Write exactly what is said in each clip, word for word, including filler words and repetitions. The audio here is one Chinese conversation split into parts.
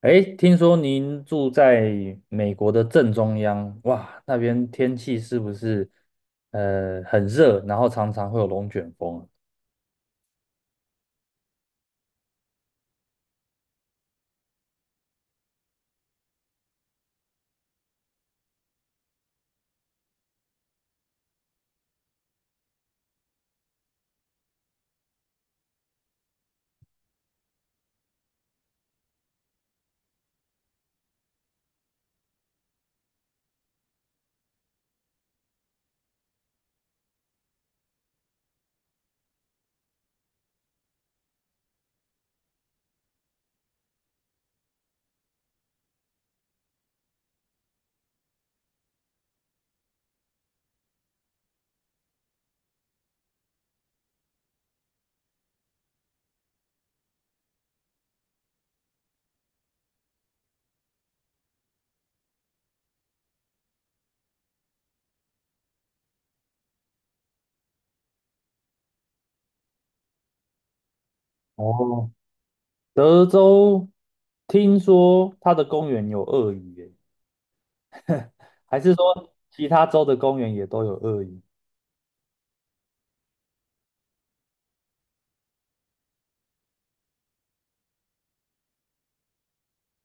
哎，听说您住在美国的正中央，哇，那边天气是不是呃很热，然后常常会有龙卷风啊。哦，德州听说它的公园有鳄鱼耶，还是说其他州的公园也都有鳄鱼？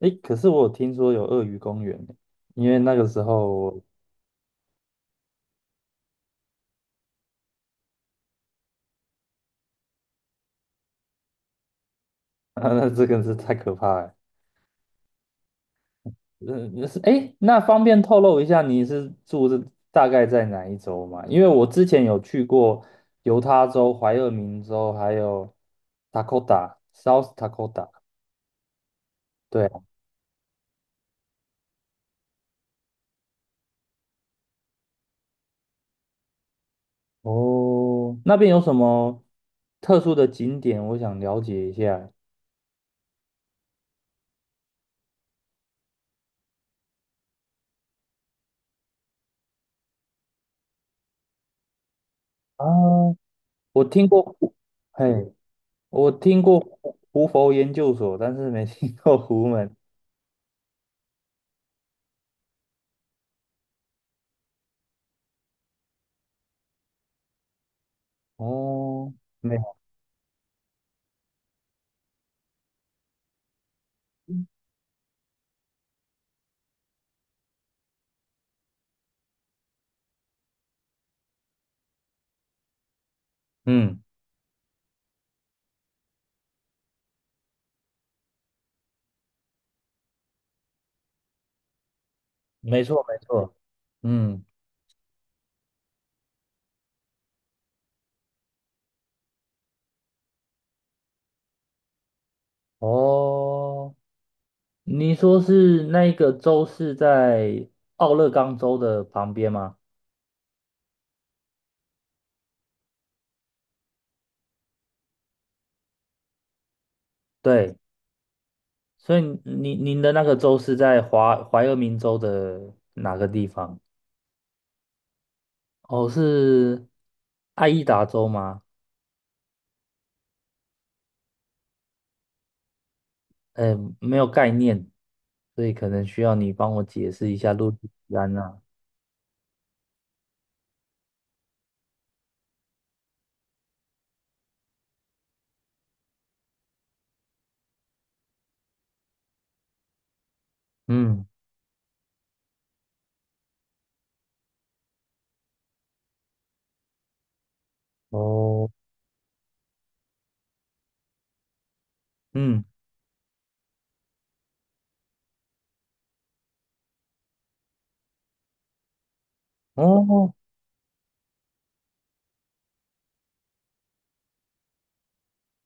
哎，可是我有听说有鳄鱼公园耶，因为那个时候，那这个是太可怕了。嗯，是哎，那方便透露一下你是住的大概在哪一州吗？因为我之前有去过犹他州、怀俄明州，还有 Dakota、South Dakota。对啊。哦，那边有什么特殊的景点？我想了解一下。啊，我听过胡，嘿，我听过胡胡佛研究所，但是没听过胡门 哦，没，嗯，没错，没错，嗯，哦。你说是那一个州是在奥勒冈州的旁边吗？对，所以您您的那个州是在华怀俄明州的哪个地方？哦，是爱伊达州吗？哎，没有概念，所以可能需要你帮我解释一下路易斯安那。嗯，哦，嗯，哦，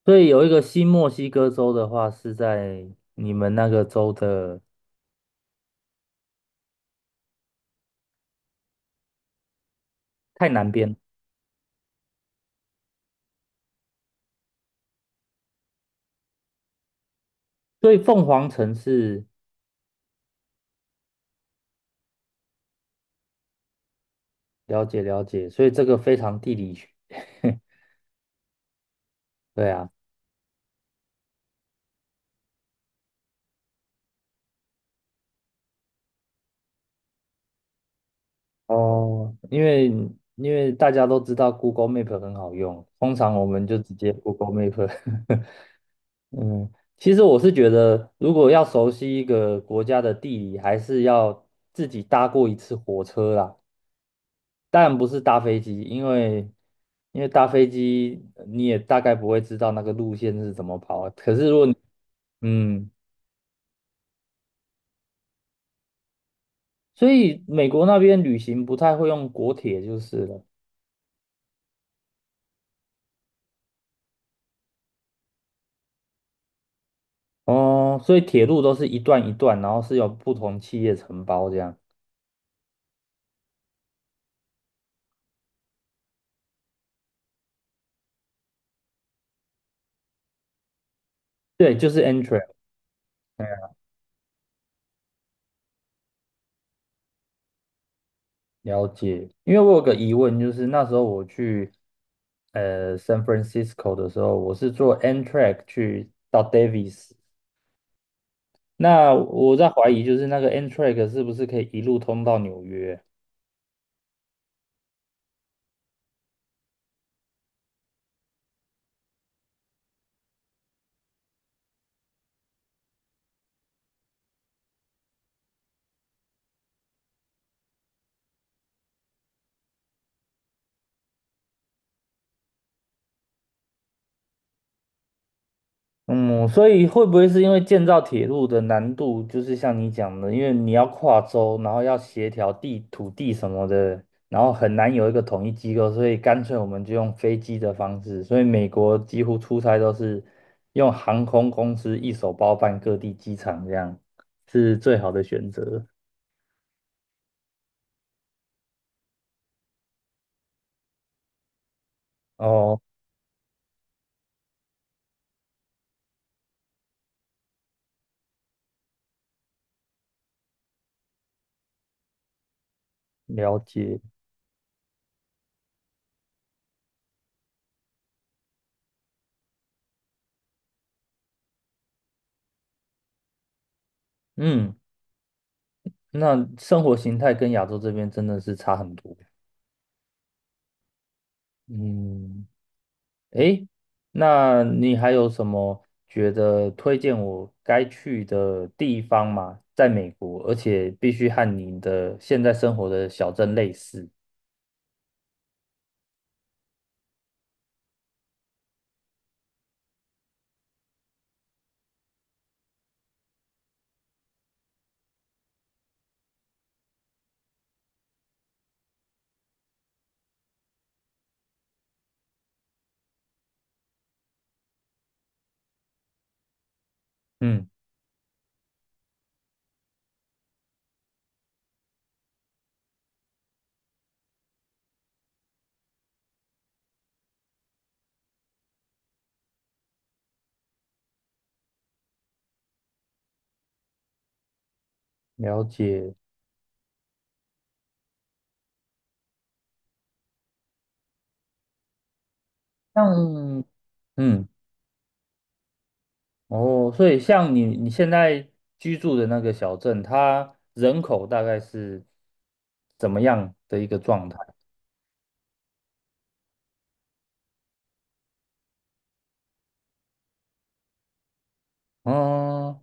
所以有一个新墨西哥州的话是在你们那个州的太南边，所以凤凰城是。了解了解，所以这个非常地理学，对啊。哦，因为因为大家都知道 Google Map 很好用，通常我们就直接 Google Map。嗯，其实我是觉得，如果要熟悉一个国家的地理，还是要自己搭过一次火车啦。当然不是搭飞机，因为因为搭飞机你也大概不会知道那个路线是怎么跑啊，可是如果你嗯。所以美国那边旅行不太会用国铁就是了。哦，所以铁路都是一段一段，然后是有不同企业承包这样。对，就是 Amtrak。了解，因为我有个疑问，就是那时候我去呃 San Francisco 的时候，我是坐 Amtrak 去到 Davis，那我在怀疑就是那个 Amtrak 是不是可以一路通到纽约？嗯，所以会不会是因为建造铁路的难度，就是像你讲的，因为你要跨州，然后要协调地土地什么的，然后很难有一个统一机构，所以干脆我们就用飞机的方式。所以美国几乎出差都是用航空公司一手包办各地机场，这样是最好的选择。哦，了解。嗯，那生活形态跟亚洲这边真的是差很多。嗯。诶，那你还有什么觉得推荐我该去的地方吗？在美国，而且必须和你的现在生活的小镇类似。嗯，了解。像，嗯，哦，所以像你你现在居住的那个小镇，它人口大概是怎么样的一个状态？嗯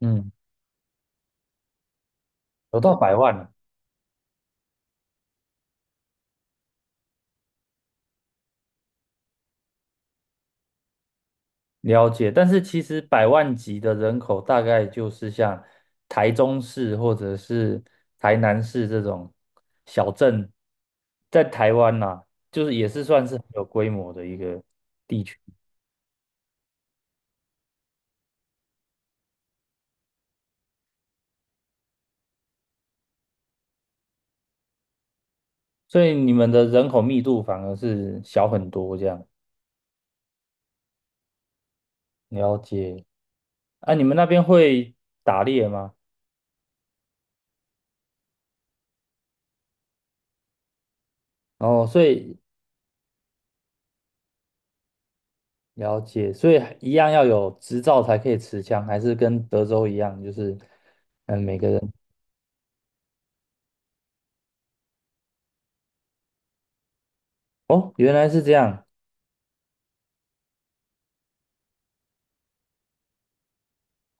嗯，有到百万了。了解，但是其实百万级的人口大概就是像台中市或者是台南市这种小镇，在台湾呐、就是也是算是很有规模的一个地区，所以你们的人口密度反而是小很多这样。了解，啊，你们那边会打猎吗？哦，所以了解，所以一样要有执照才可以持枪，还是跟德州一样，就是嗯，每个人。哦，原来是这样。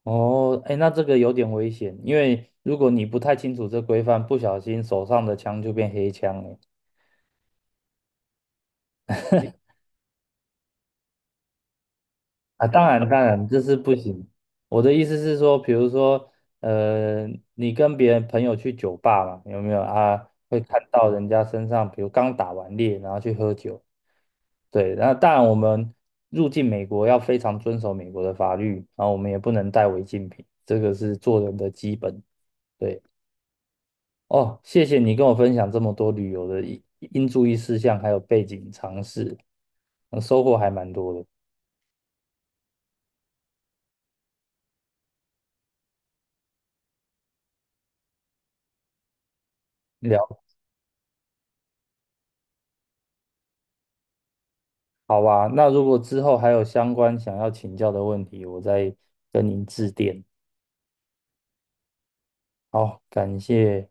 哦，哎，那这个有点危险，因为如果你不太清楚这规范，不小心手上的枪就变黑枪了。啊，当然，当然，这是不行。我的意思是说，比如说，呃，你跟别人朋友去酒吧嘛，有没有啊？会看到人家身上，比如刚打完猎，然后去喝酒。对，那当然，我们入境美国要非常遵守美国的法律，然后我们也不能带违禁品，这个是做人的基本。对。哦，谢谢你跟我分享这么多旅游的应应注意事项，还有背景常识，呃收获还蛮多的。聊，好吧，那如果之后还有相关想要请教的问题，我再跟您致电。好，感谢。